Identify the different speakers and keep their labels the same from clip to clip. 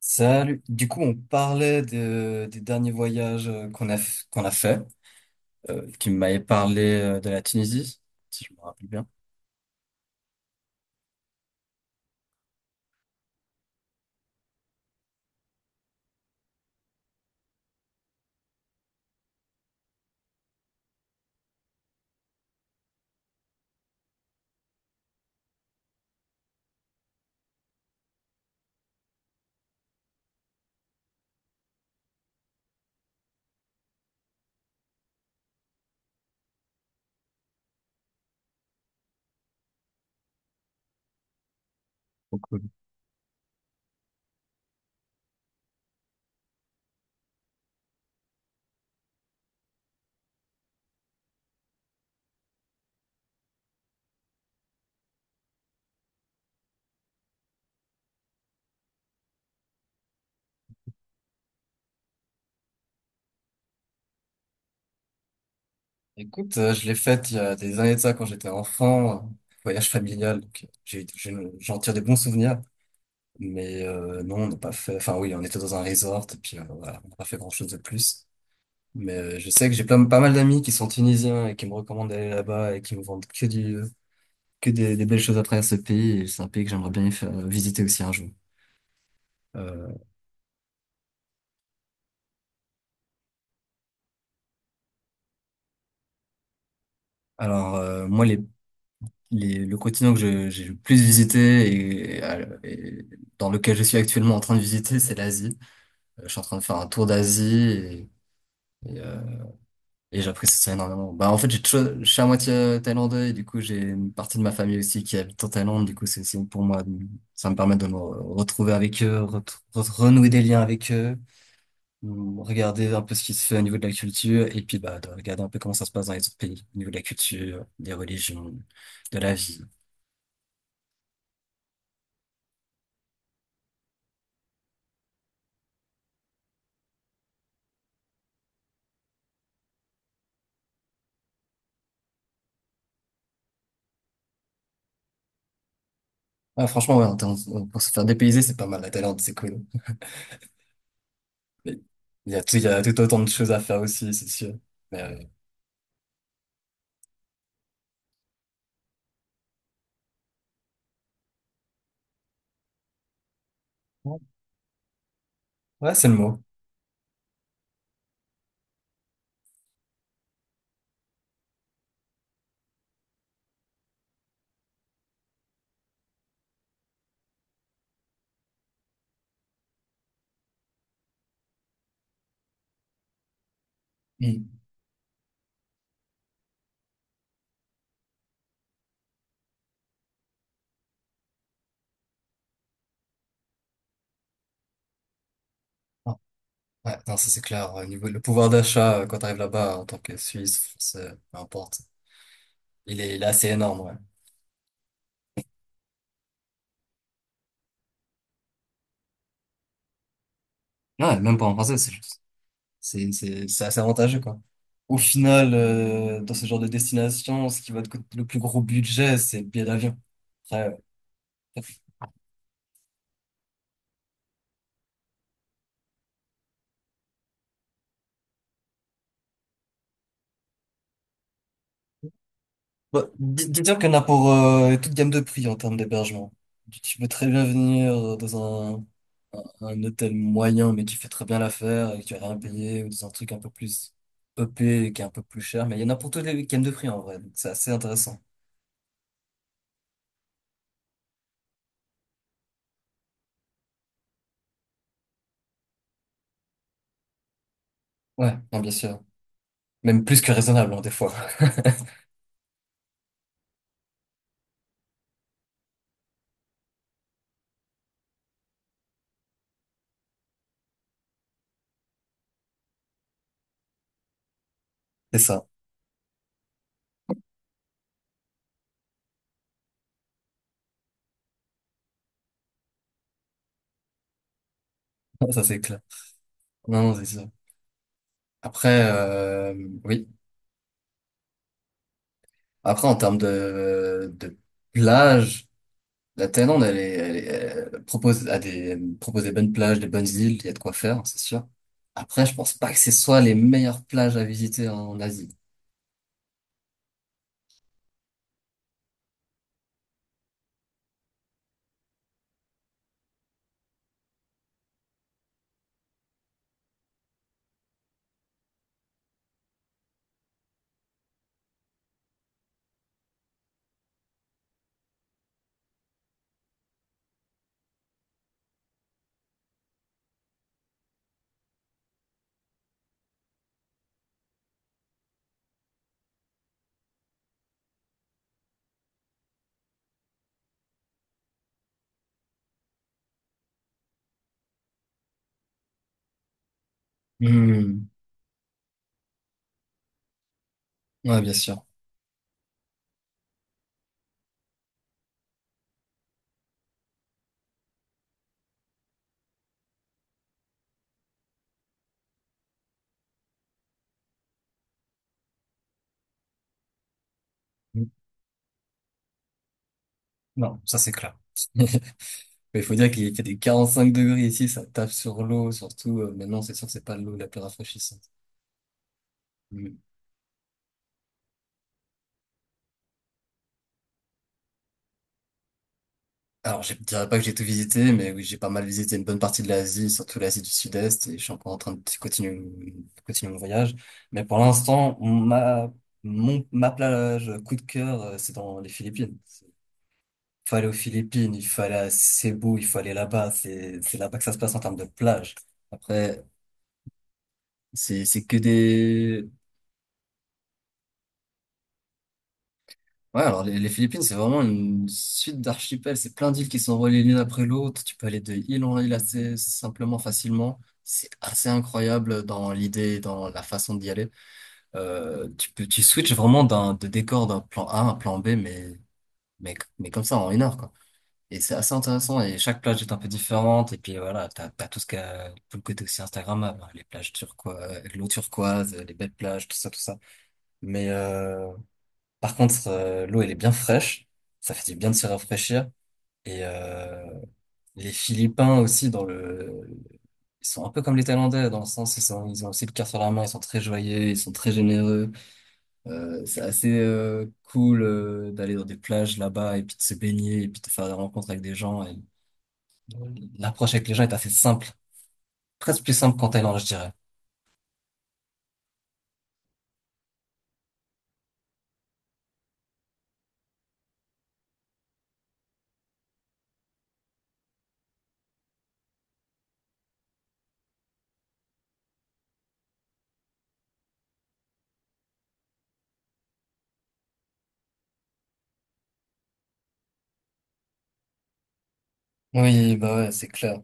Speaker 1: Salut. On parlait des derniers voyages qu'on a fait. Tu m'avais parlé de la Tunisie, si je me rappelle bien. Trop cool. Écoute, je l'ai faite il y a des années de ça quand j'étais enfant, voyage familial. Donc j'en tire des bons souvenirs. Mais non, on n'a pas fait. Enfin oui, on était dans un resort et puis voilà, on n'a pas fait grand-chose de plus. Mais je sais que pas mal d'amis qui sont tunisiens et qui me recommandent d'aller là-bas et qui me vendent que des belles choses à travers ce pays. C'est un pays que j'aimerais visiter aussi un jour. Euh, alors moi, le continent que j'ai le plus visité et dans lequel je suis actuellement en train de visiter, c'est l'Asie. Je suis en train de faire un tour d'Asie et, et, euh, et j'apprécie ça énormément. En fait, je suis à moitié thaïlandais et du coup, j'ai une partie de ma famille aussi qui habite en Thaïlande. Du coup, c'est aussi pour moi, ça me permet de me retrouver avec eux, renouer des liens avec eux. Mm. Regarder un peu ce qui se fait au niveau de la culture et puis bah, de regarder un peu comment ça se passe dans les autres pays, au niveau de la culture, des religions, de la vie. Ah, franchement, ouais, pour se faire dépayser, c'est pas mal la Thaïlande, c'est cool. Mais il y a tout autant de choses à faire aussi, c'est sûr. Mais, ouais, ouais, c'est le mot. Mm. Ah, ouais, non, ça c'est clair. Au niveau, le pouvoir d'achat, quand t'arrives là-bas en tant que Suisse, Français, peu importe, il est assez énorme, ouais. Ouais, même pas en français, c'est juste. C'est assez avantageux, quoi. Au final, dans ce genre de destination, ce qui va te coûter le plus gros budget, c'est le billet d'avion. Après, euh, bon, disons qu'il y en a pour toute gamme de prix en termes d'hébergement. Tu peux très bien venir dans un hôtel moyen, mais qui fait très bien l'affaire et que tu vas rien payer, ou dans un truc un peu plus EP et qui est un peu plus cher. Mais il y en a pour toutes les gammes de prix, en vrai. Donc, c'est assez intéressant. Ouais, non, bien sûr. Même plus que raisonnable, hein, des fois. C'est ça. Ça, c'est clair. Non, non, c'est sûr. Après, oui. Après, en termes de plage, la Thaïlande, elle propose propose des bonnes plages, des bonnes îles, il y a de quoi faire, c'est sûr. Après, je pense pas que ce soit les meilleures plages à visiter en Asie. Hmm. Ouais, bien sûr. Hmm. Non, ça c'est clair. Mais il faut dire qu'il fait des 45 degrés ici, ça tape sur l'eau, surtout, maintenant, c'est sûr que c'est pas l'eau la plus rafraîchissante. Hmm. Alors, je dirais pas que j'ai tout visité, mais oui, j'ai pas mal visité une bonne partie de l'Asie, surtout l'Asie du Sud-Est, et je suis encore en train de continuer mon voyage. Mais pour l'instant, ma plage coup de cœur, c'est dans les Philippines. Il faut aller aux Philippines, il faut aller à Cebu, il faut aller là-bas, c'est là-bas que ça se passe en termes de plage. Après, c'est, c'est que des, ouais, alors les Philippines, c'est vraiment une suite d'archipels. C'est plein d'îles qui sont reliées l'une après l'autre. Tu peux aller de île en île assez simplement, facilement. C'est assez incroyable dans l'idée, dans la façon d'y aller. Tu peux, tu switches vraiment de décor d'un plan A à un plan B, mais comme ça en une heure, quoi. Et c'est assez intéressant. Et chaque plage est un peu différente. Et puis voilà, t'as tout ce qu'il y a, tout le côté aussi Instagrammable, hein, les plages turquoises, l'eau turquoise, les belles plages, tout ça, tout ça. Mais, par contre, l'eau, elle est bien fraîche. Ça fait du bien de se rafraîchir. Et les Philippins aussi, dans le... ils sont un peu comme les Thaïlandais, dans le sens, ils ont aussi le cœur sur la main, ils sont très joyeux, ils sont très généreux. C'est assez cool d'aller dans des plages là-bas et puis de se baigner et puis de faire des rencontres avec des gens. Et... L'approche avec les gens est assez simple, presque plus simple qu'en Thaïlande, je dirais. Oui, bah ouais, c'est clair.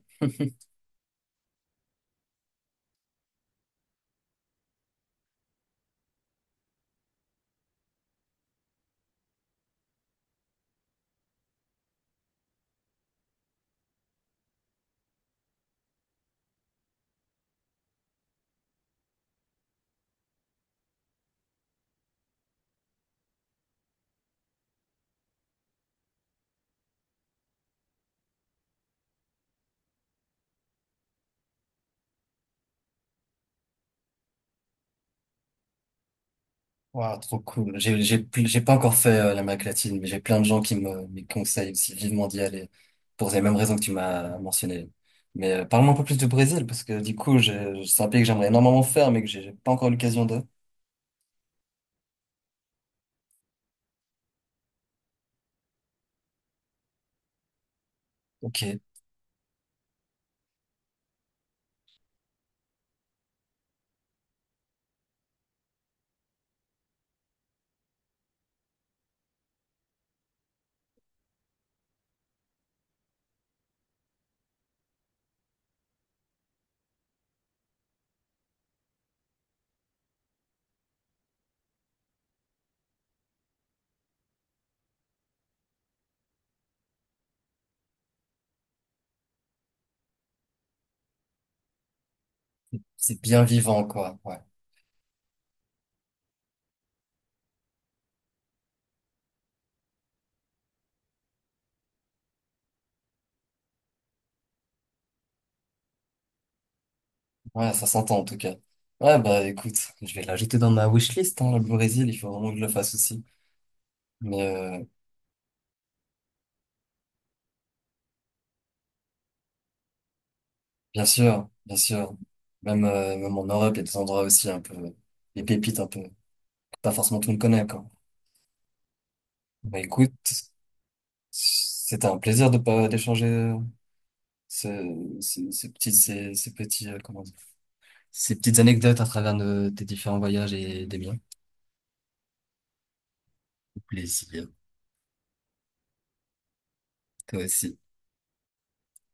Speaker 1: Waouh, trop cool. J'ai pas encore fait l'Amérique latine, mais j'ai plein de gens qui me conseillent aussi vivement d'y aller pour les mêmes raisons que tu m'as mentionné. Mais parle-moi un peu plus du Brésil parce que du coup, c'est un pays que j'aimerais énormément faire, mais que j'ai pas encore l'occasion de. Ok, c'est bien vivant, quoi. Ouais, ouais, ça s'entend en tout cas. Ouais, bah écoute, je vais l'ajouter dans ma wishlist, hein, le Brésil. Il faut vraiment que je le fasse aussi. Mais bien sûr, bien sûr. Même, même en Europe, il y a des endroits aussi un peu, des pépites un peu, que pas forcément tout le monde connaît, quoi. Bah écoute, c'était un plaisir de pas d'échanger ces petits, ces petits, comment dire, ces petites anecdotes à travers tes différents voyages et des miens. Plaisir, toi aussi.